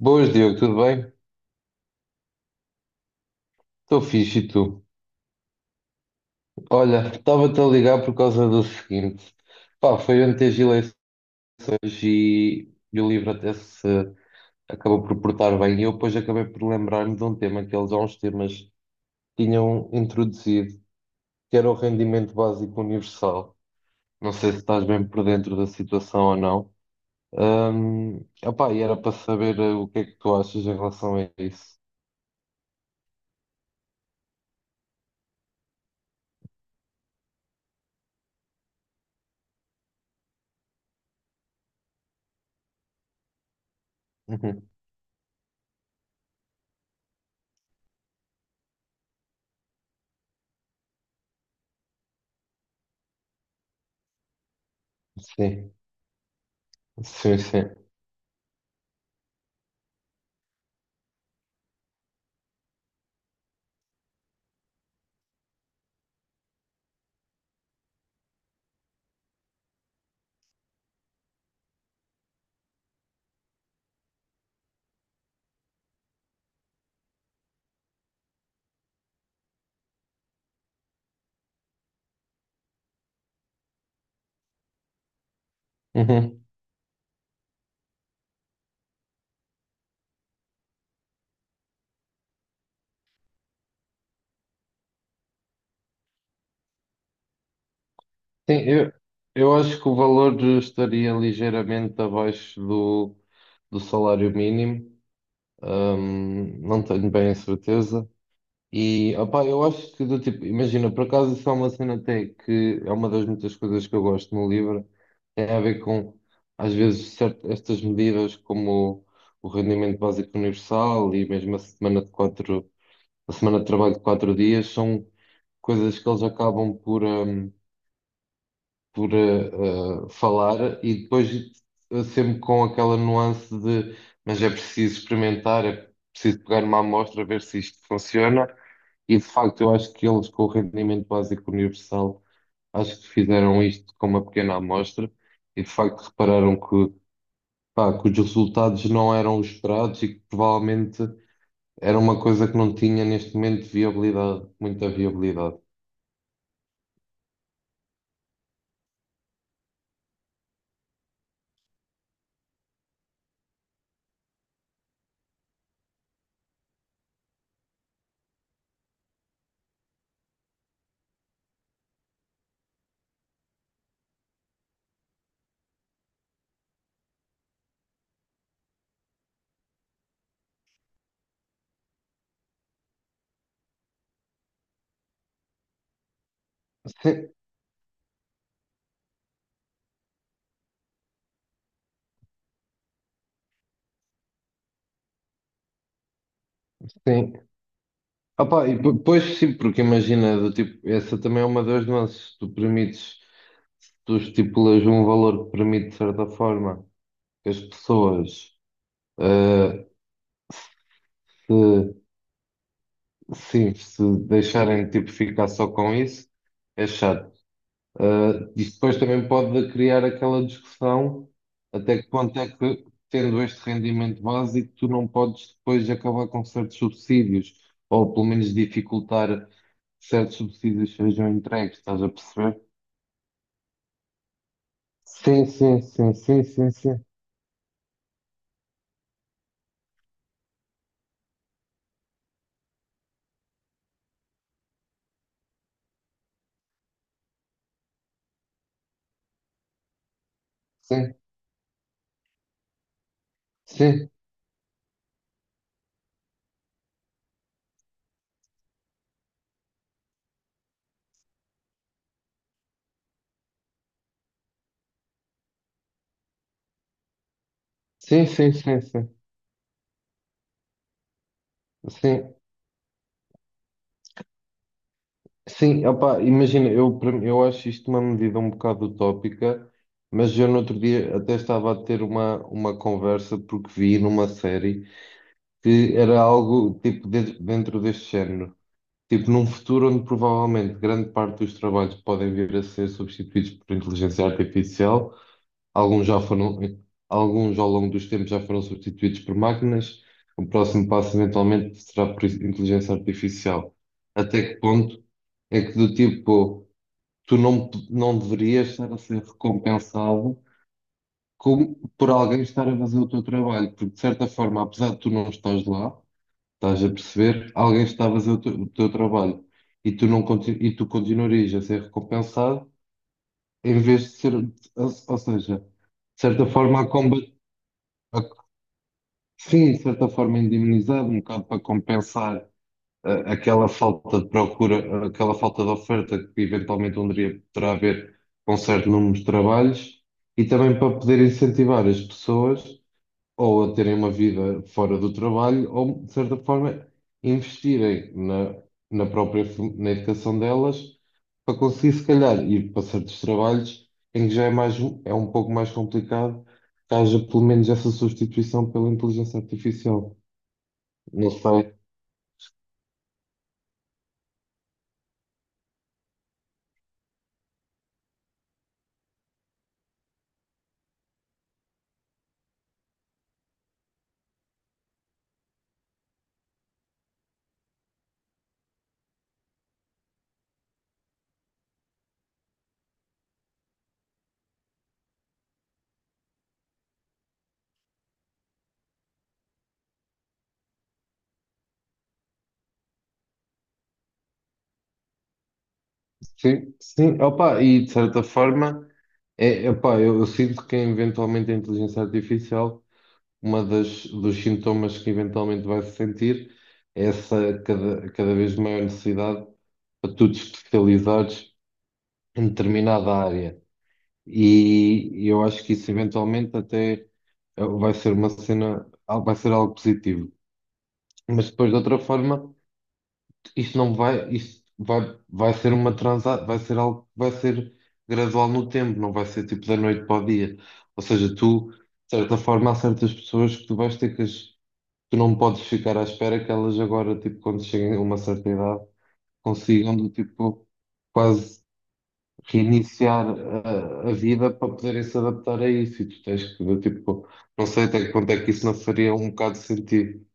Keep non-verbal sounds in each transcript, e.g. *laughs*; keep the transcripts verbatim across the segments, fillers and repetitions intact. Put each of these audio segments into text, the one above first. Boas, Diogo, tudo bem? Estou fixe e tu? Olha, estava-te a ligar por causa do seguinte. Pá, foi ontem as eleições e, e o livro até se acabou por portar bem. E eu depois acabei por lembrar-me de um tema que eles há uns temas tinham introduzido, que era o rendimento básico universal. Não sei se estás bem por dentro da situação ou não. Hum, opá, e era para saber eh, o que é que tu achas em relação a isso. *laughs* Uhum. Sim, sim, sim. *laughs* Sim, eu, eu acho que o valor estaria ligeiramente abaixo do, do salário mínimo. Hum, não tenho bem a certeza. E opá, eu acho que do tipo, imagina, por acaso isso é uma cena até que é uma das muitas coisas que eu gosto no livro, tem a ver com às vezes certo, estas medidas como o rendimento básico universal e mesmo a semana de quatro, a semana de trabalho de quatro dias são coisas que eles acabam por. hum, por eh, eh, falar e depois eh, sempre com aquela nuance de mas é preciso experimentar, é preciso pegar uma amostra, ver se isto funciona. E de facto, eu acho que eles com o rendimento básico universal, acho que fizeram isto com uma pequena amostra e de facto repararam que, pá, que os resultados não eram os esperados e que provavelmente era uma coisa que não tinha neste momento viabilidade, muita viabilidade. Sim, sim. Opa, e po- pois sim, porque imagina, do tipo, essa também é uma das nuances. Tu permites, tu estipulas um valor que permite, de certa forma, que as pessoas, eh, se, sim, se deixarem tipo, ficar só com isso, é chato. Eh, isso depois também pode criar aquela discussão até que ponto é que, tendo este rendimento básico, tu não podes depois acabar com certos subsídios, ou pelo menos dificultar que certos subsídios sejam entregues, estás a perceber? Sim, sim, sim, sim, sim, sim, sim, sim, sim, sim, sim, sim, sim, sim, opá, imagina, eu, para mim- eu acho isto uma medida um bocado utópica, mas eu no outro dia até estava a ter uma, uma conversa porque vi numa série que era algo tipo de- dentro deste género, tipo num futuro onde provavelmente grande parte dos trabalhos podem vir a ser substituídos por inteligência artificial. Alguns já foram, alguns ao longo dos tempos já foram substituídos por máquinas. O próximo passo eventualmente será por inteligência artificial. Até que ponto é que do tipo, tu não, não deverias estar a ser recompensado com- por alguém estar a fazer o teu trabalho? Porque de certa forma, apesar de tu não estás lá, estás a perceber, alguém está a fazer o teu, o teu trabalho e tu não conti- e tu continuarias a ser recompensado em vez de ser, ou, ou seja, de certa forma a combater. Sim, de certa forma indemnizado, um bocado para compensar eh, aquela falta de procura, aquela falta de oferta que eventualmente um dia poderá haver com certo número de trabalhos e também para poder incentivar as pessoas ou a terem uma vida fora do trabalho, ou, de certa forma, investirem na, na própria fam- na educação delas para conseguir, se calhar, ir para certos trabalhos em que já é mais, um- é um pouco mais complicado que haja, pelo menos, essa substituição pela inteligência artificial. Não sei. Sim, sim. Opa, e, de certa forma, é, epá, eu, eu sinto que, eventualmente, a inteligência artificial uma das, dos sintomas que eventualmente vai se sentir é essa cada, cada vez maior necessidade para tu te especializares em determinada área. E eu acho que isso eventualmente até eh, vai ser uma cena, al- vai ser algo positivo. Mas depois, de outra forma, isto não vai, isto vai, vai ser uma transa, vai ser algo que vai ser gradual no tempo, não vai ser tipo da noite para o dia. Ou seja, tu, de certa forma, há certas pessoas que tu vais ter que as tu não podes ficar à espera que elas agora, tipo, quando cheguem a uma certa idade, consigam, do tipo, quase reiniciar a, a vida para poderem se adaptar a isso. E tu tens que, do tipo, não sei até que ponto é que isso não faria um bocado de sentido.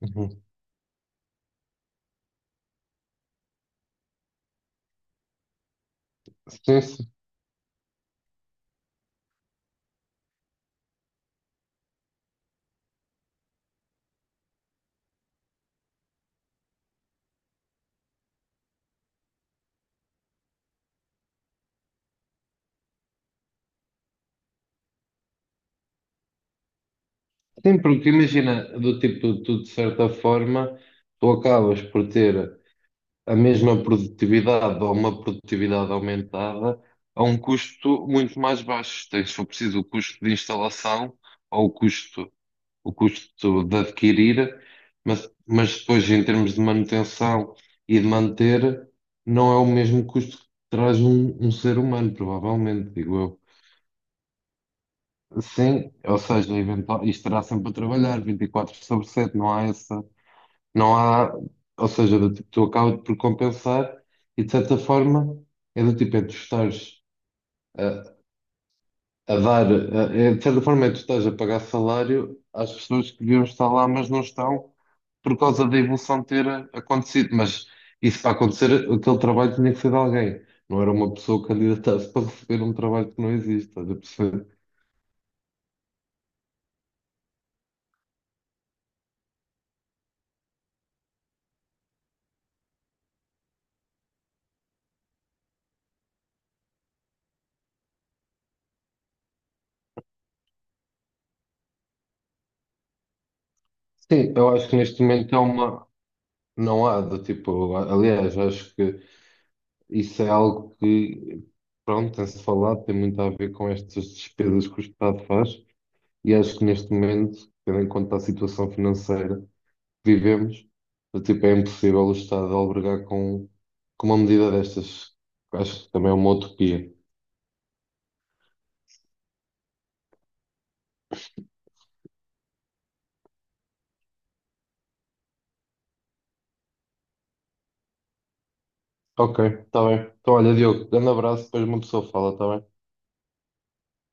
Uhum. Sim, sim. Sim, porque imagina, do tipo, tu de certa forma, tu acabas por ter a mesma produtividade ou uma produtividade aumentada a um custo muito mais baixo. Tens, se for preciso, o custo de instalação ou o custo, o custo de adquirir, mas, mas depois, em termos de manutenção e de manter, não é o mesmo custo que traz um, um ser humano, provavelmente, digo eu. Sim, ou seja, eventual, isto estará sempre a trabalhar vinte e quatro sobre sete, não há essa. Não há, ou seja, do tipo, tu acabas por compensar e de certa forma é do tipo, é tu estares a, a dar, a- é, de certa forma é tu estás a pagar salário às pessoas que deviam estar lá, mas não estão por causa da evolução ter acontecido. Mas isso para acontecer, aquele trabalho tinha que ser de alguém, não era uma pessoa candidata-se para receber um trabalho que não existe, estás a perceber? Sim, eu acho que neste momento é uma. Não há, do tipo, aliás, acho que. Isso é algo que, pronto, tem-se falado, tem muito a ver com estas despesas que o Estado faz, e acho que neste momento, tendo em conta a situação financeira que vivemos, do tipo, é impossível o Estado albergar com, com uma medida destas. Acho que também é uma utopia. Ok, está bem. Então, olha, Diogo, grande abraço, depois uma pessoa fala, está bem?